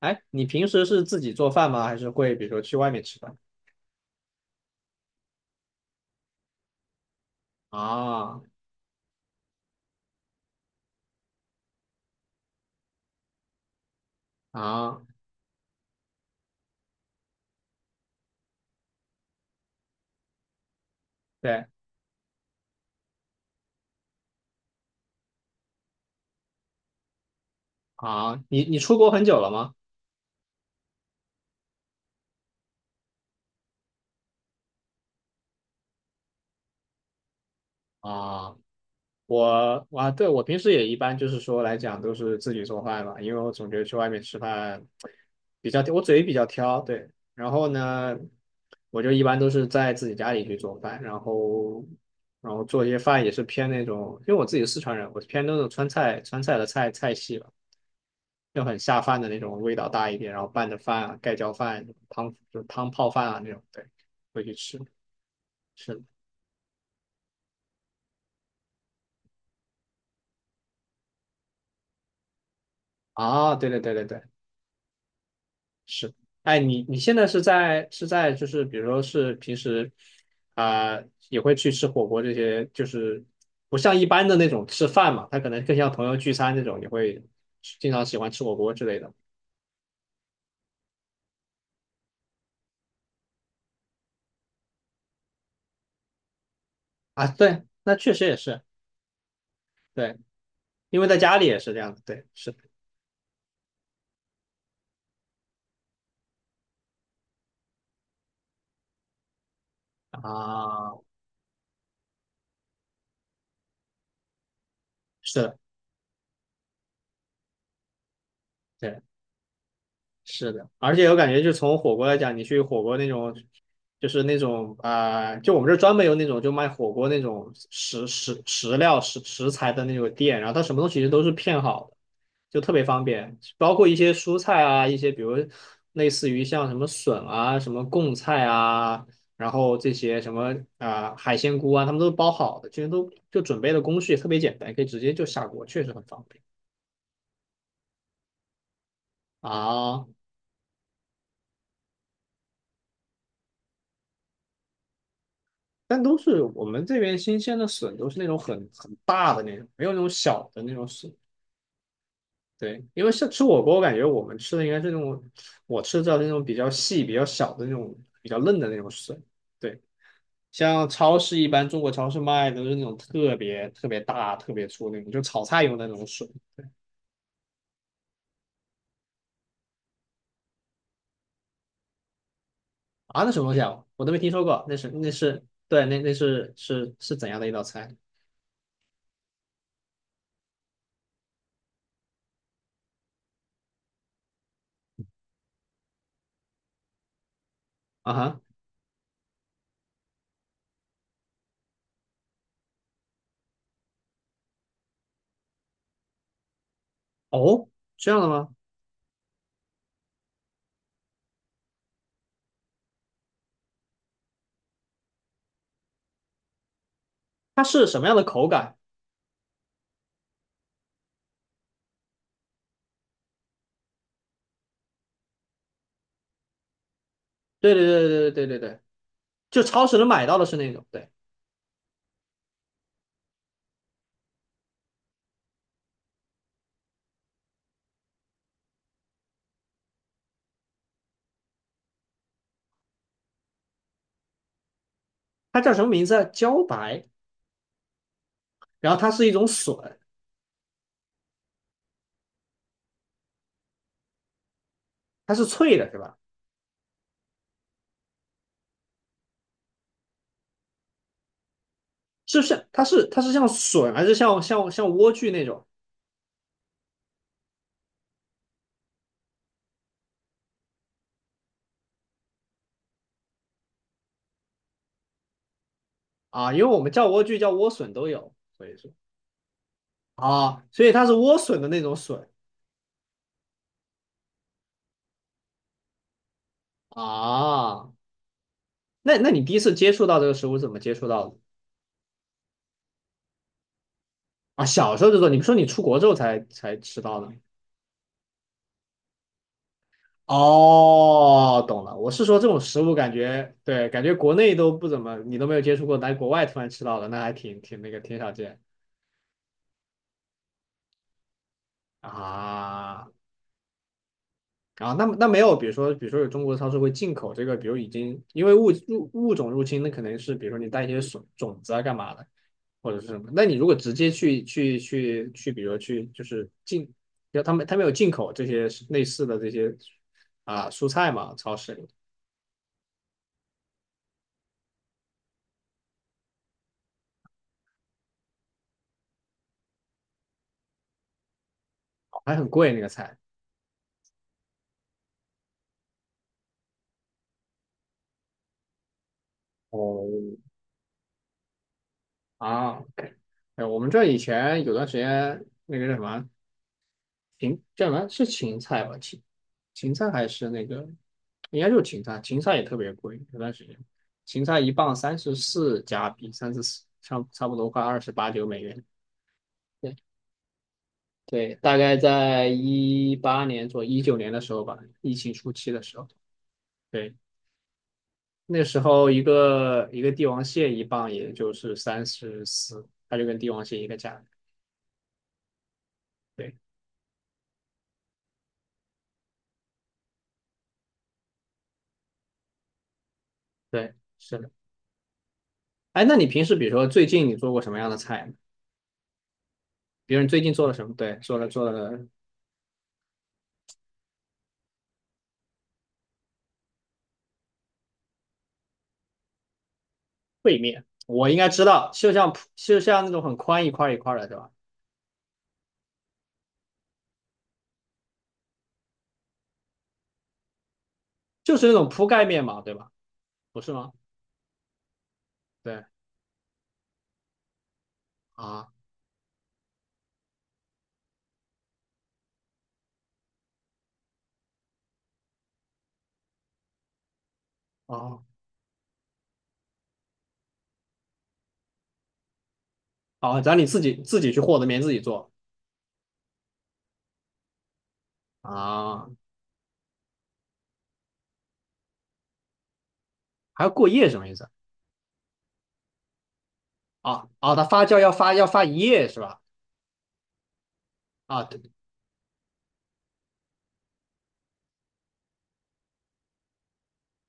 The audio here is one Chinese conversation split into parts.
哎，你平时是自己做饭吗？还是会比如说去外面吃饭？啊啊，对啊，你出国很久了吗？啊，我啊，对我平时也一般就是说来讲都是自己做饭吧，因为我总觉得去外面吃饭比较，我嘴比较挑，对。然后呢，我就一般都是在自己家里去做饭，然后做一些饭也是偏那种，因为我自己是四川人，我是偏那种川菜的菜系吧。就很下饭的那种，味道大一点，然后拌着饭啊，盖浇饭、汤就是汤泡饭啊那种，对，会去吃。是的啊，对对对对对，是。哎，你现在是在就是比如说是平时啊、也会去吃火锅这些，就是不像一般的那种吃饭嘛，他可能更像朋友聚餐那种，也会经常喜欢吃火锅之类的啊。对，那确实也是对，因为在家里也是这样的，对，是的啊，是的。对。是的，而且我感觉，就从火锅来讲，你去火锅那种，就是那种啊、就我们这儿专门有那种就卖火锅那种食食食料食食材的那种店，然后它什么东西其实都是片好的，就特别方便，包括一些蔬菜啊，一些比如类似于像什么笋啊、什么贡菜啊，然后这些什么啊、海鲜菇啊，他们都包好的，其实都就准备的工序也特别简单，可以直接就下锅，确实很方便啊。但都是我们这边新鲜的笋，都是那种很大的那种，没有那种小的那种笋。对，因为像吃火锅，我感觉我们吃的应该是那种，我吃到的是那种比较细、比较小的那种、比较嫩的那种笋。对，像超市一般中国超市卖的都是那种特别特别大、特别粗那种，就炒菜用的那种笋啊，那什么东西啊？我都没听说过，那是对，那是怎样的一道菜啊？哈，哦，这样的吗？它是什么样的口感？对对对对对对对对。就超市能买到的是那种，对，它叫什么名字啊？茭白，然后它是一种笋，它是脆的，是吧？是不是？它是像笋，还是像莴苣那种啊？因为我们叫莴苣叫莴笋都有，所以说啊，所以它是莴笋的那种笋啊。那你第一次接触到这个食物是怎么接触到的啊？小时候就做，你说你出国之后才吃到的哦，懂了。我是说这种食物感觉，对，感觉国内都不怎么，你都没有接触过，来国外突然吃到的，那还挺那个，挺少见啊。啊，那没有，比如说，有中国超市会进口这个，比如已经因为物入物种入侵，那可能是比如说你带一些种子啊，干嘛的，或者是什么。那你如果直接去，比如说去就是进，要他们有进口这些类似的这些啊蔬菜嘛，超市里还很贵那个菜。哦，啊。哎，我们这以前有段时间那个叫什么芹叫什么是芹菜吧？芹菜还是那个应该就是芹菜，芹菜也特别贵。有段时间芹菜一磅34加币，三十四差不多快28、29美元。对对，大概在2018年2019年的时候吧，疫情初期的时候，对，那时候一个帝王蟹一磅也就是三十四，它就跟帝王蟹一个价格对对，是的。哎，那你平时比如说最近你做过什么样的菜呢？别人最近做了什么？对，做了烩面，我应该知道，就像就像那种很宽一块一块的，对吧？就是那种铺盖面嘛，对吧？不是吗？对啊，哦哦，然后你自己去和的面自己做啊，还要过夜什么意思？啊啊，它发酵要发一夜是吧？啊，对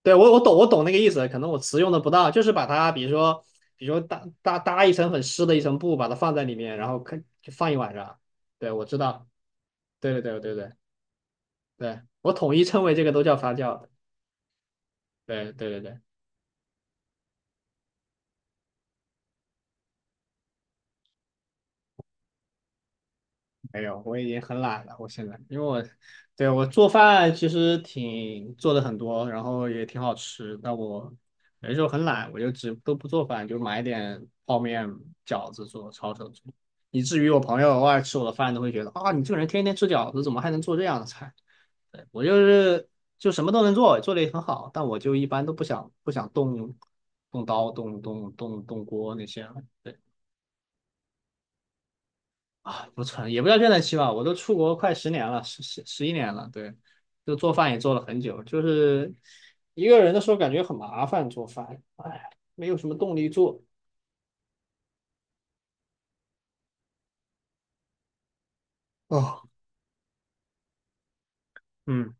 对，我懂，我懂那个意思，可能我词用的不当，就是把它，比如说，搭一层很湿的一层布，把它放在里面，然后可就放一晚上。对，我知道，对对对对对对，我统一称为这个都叫发酵。对对对对。没有，我已经很懒了。我现在，因为我，对，我做饭其实挺做的很多，然后也挺好吃。但我有的时候很懒，我就只都不做饭，就买点泡面、饺子做，抄手做。以至于我朋友偶尔吃我的饭都会觉得啊，你这个人天天吃饺子，怎么还能做这样的菜？对，我就什么都能做，做的也很好，但我就一般都不想动刀、动锅那些。对啊，不存，也不叫倦怠期吧，我都出国快10年了，十一年了，对，就做饭也做了很久，就是一个人的时候感觉很麻烦做饭，哎，没有什么动力做。哦，嗯，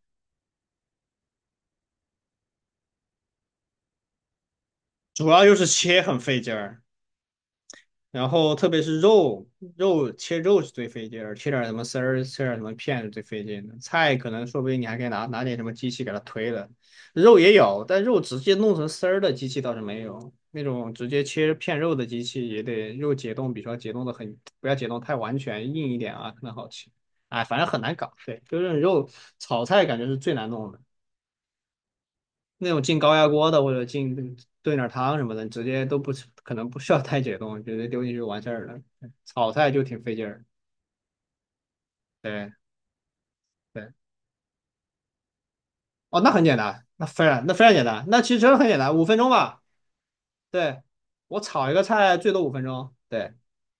主要就是切很费劲儿，然后特别是肉，肉切肉是最费劲儿，切点儿什么丝儿，切点儿什么片是最费劲的。菜可能说不定你还可以拿点什么机器给它推了，肉也有，但肉直接弄成丝儿的机器倒是没有，那种直接切片肉的机器也得肉解冻，比如说解冻的很，不要解冻太完全，硬一点啊，可能好吃。哎，反正很难搞，对，就是肉炒菜感觉是最难弄的。那种进高压锅的或者进炖点汤什么的，直接都不可能不需要太解冻，直接丢进去就完事儿了。炒菜就挺费劲儿，对对，哦，那很简单，那非常简单，那其实真的很简单，五分钟吧。对，我炒一个菜最多五分钟，对，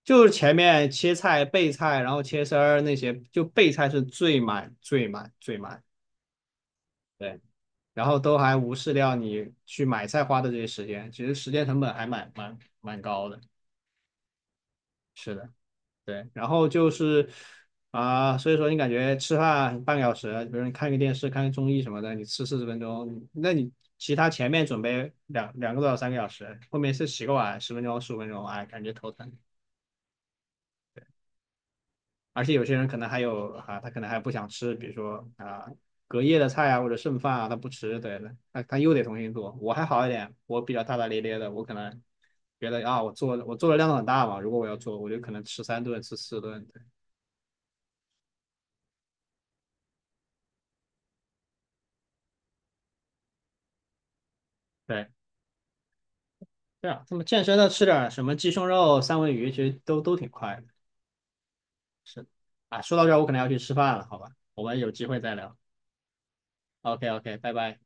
就是前面切菜、备菜，然后切丝儿那些，就备菜是最慢、最慢、最慢。对。然后都还无视掉你去买菜花的这些时间，其实时间成本还蛮蛮蛮高的。是的。对，然后就是啊、所以说你感觉吃饭半个小时，比如你看个电视、看个综艺什么的，你吃40分钟，那你其他前面准备两个多小时、3个小时，后面是洗个碗十分钟、15分钟，哎，感觉头疼。而且有些人可能还有啊，他可能还不想吃，比如说啊隔夜的菜啊或者剩饭啊，他不吃，对的，他又得重新做。我还好一点，我比较大大咧咧的，我可能觉得啊，我做的量很大嘛，如果我要做，我就可能吃3顿、吃4顿，对。对对啊，那么健身的吃点什么鸡胸肉、三文鱼，其实都挺快的啊。说到这儿，我可能要去吃饭了，好吧？我们有机会再聊。OK OK，拜拜。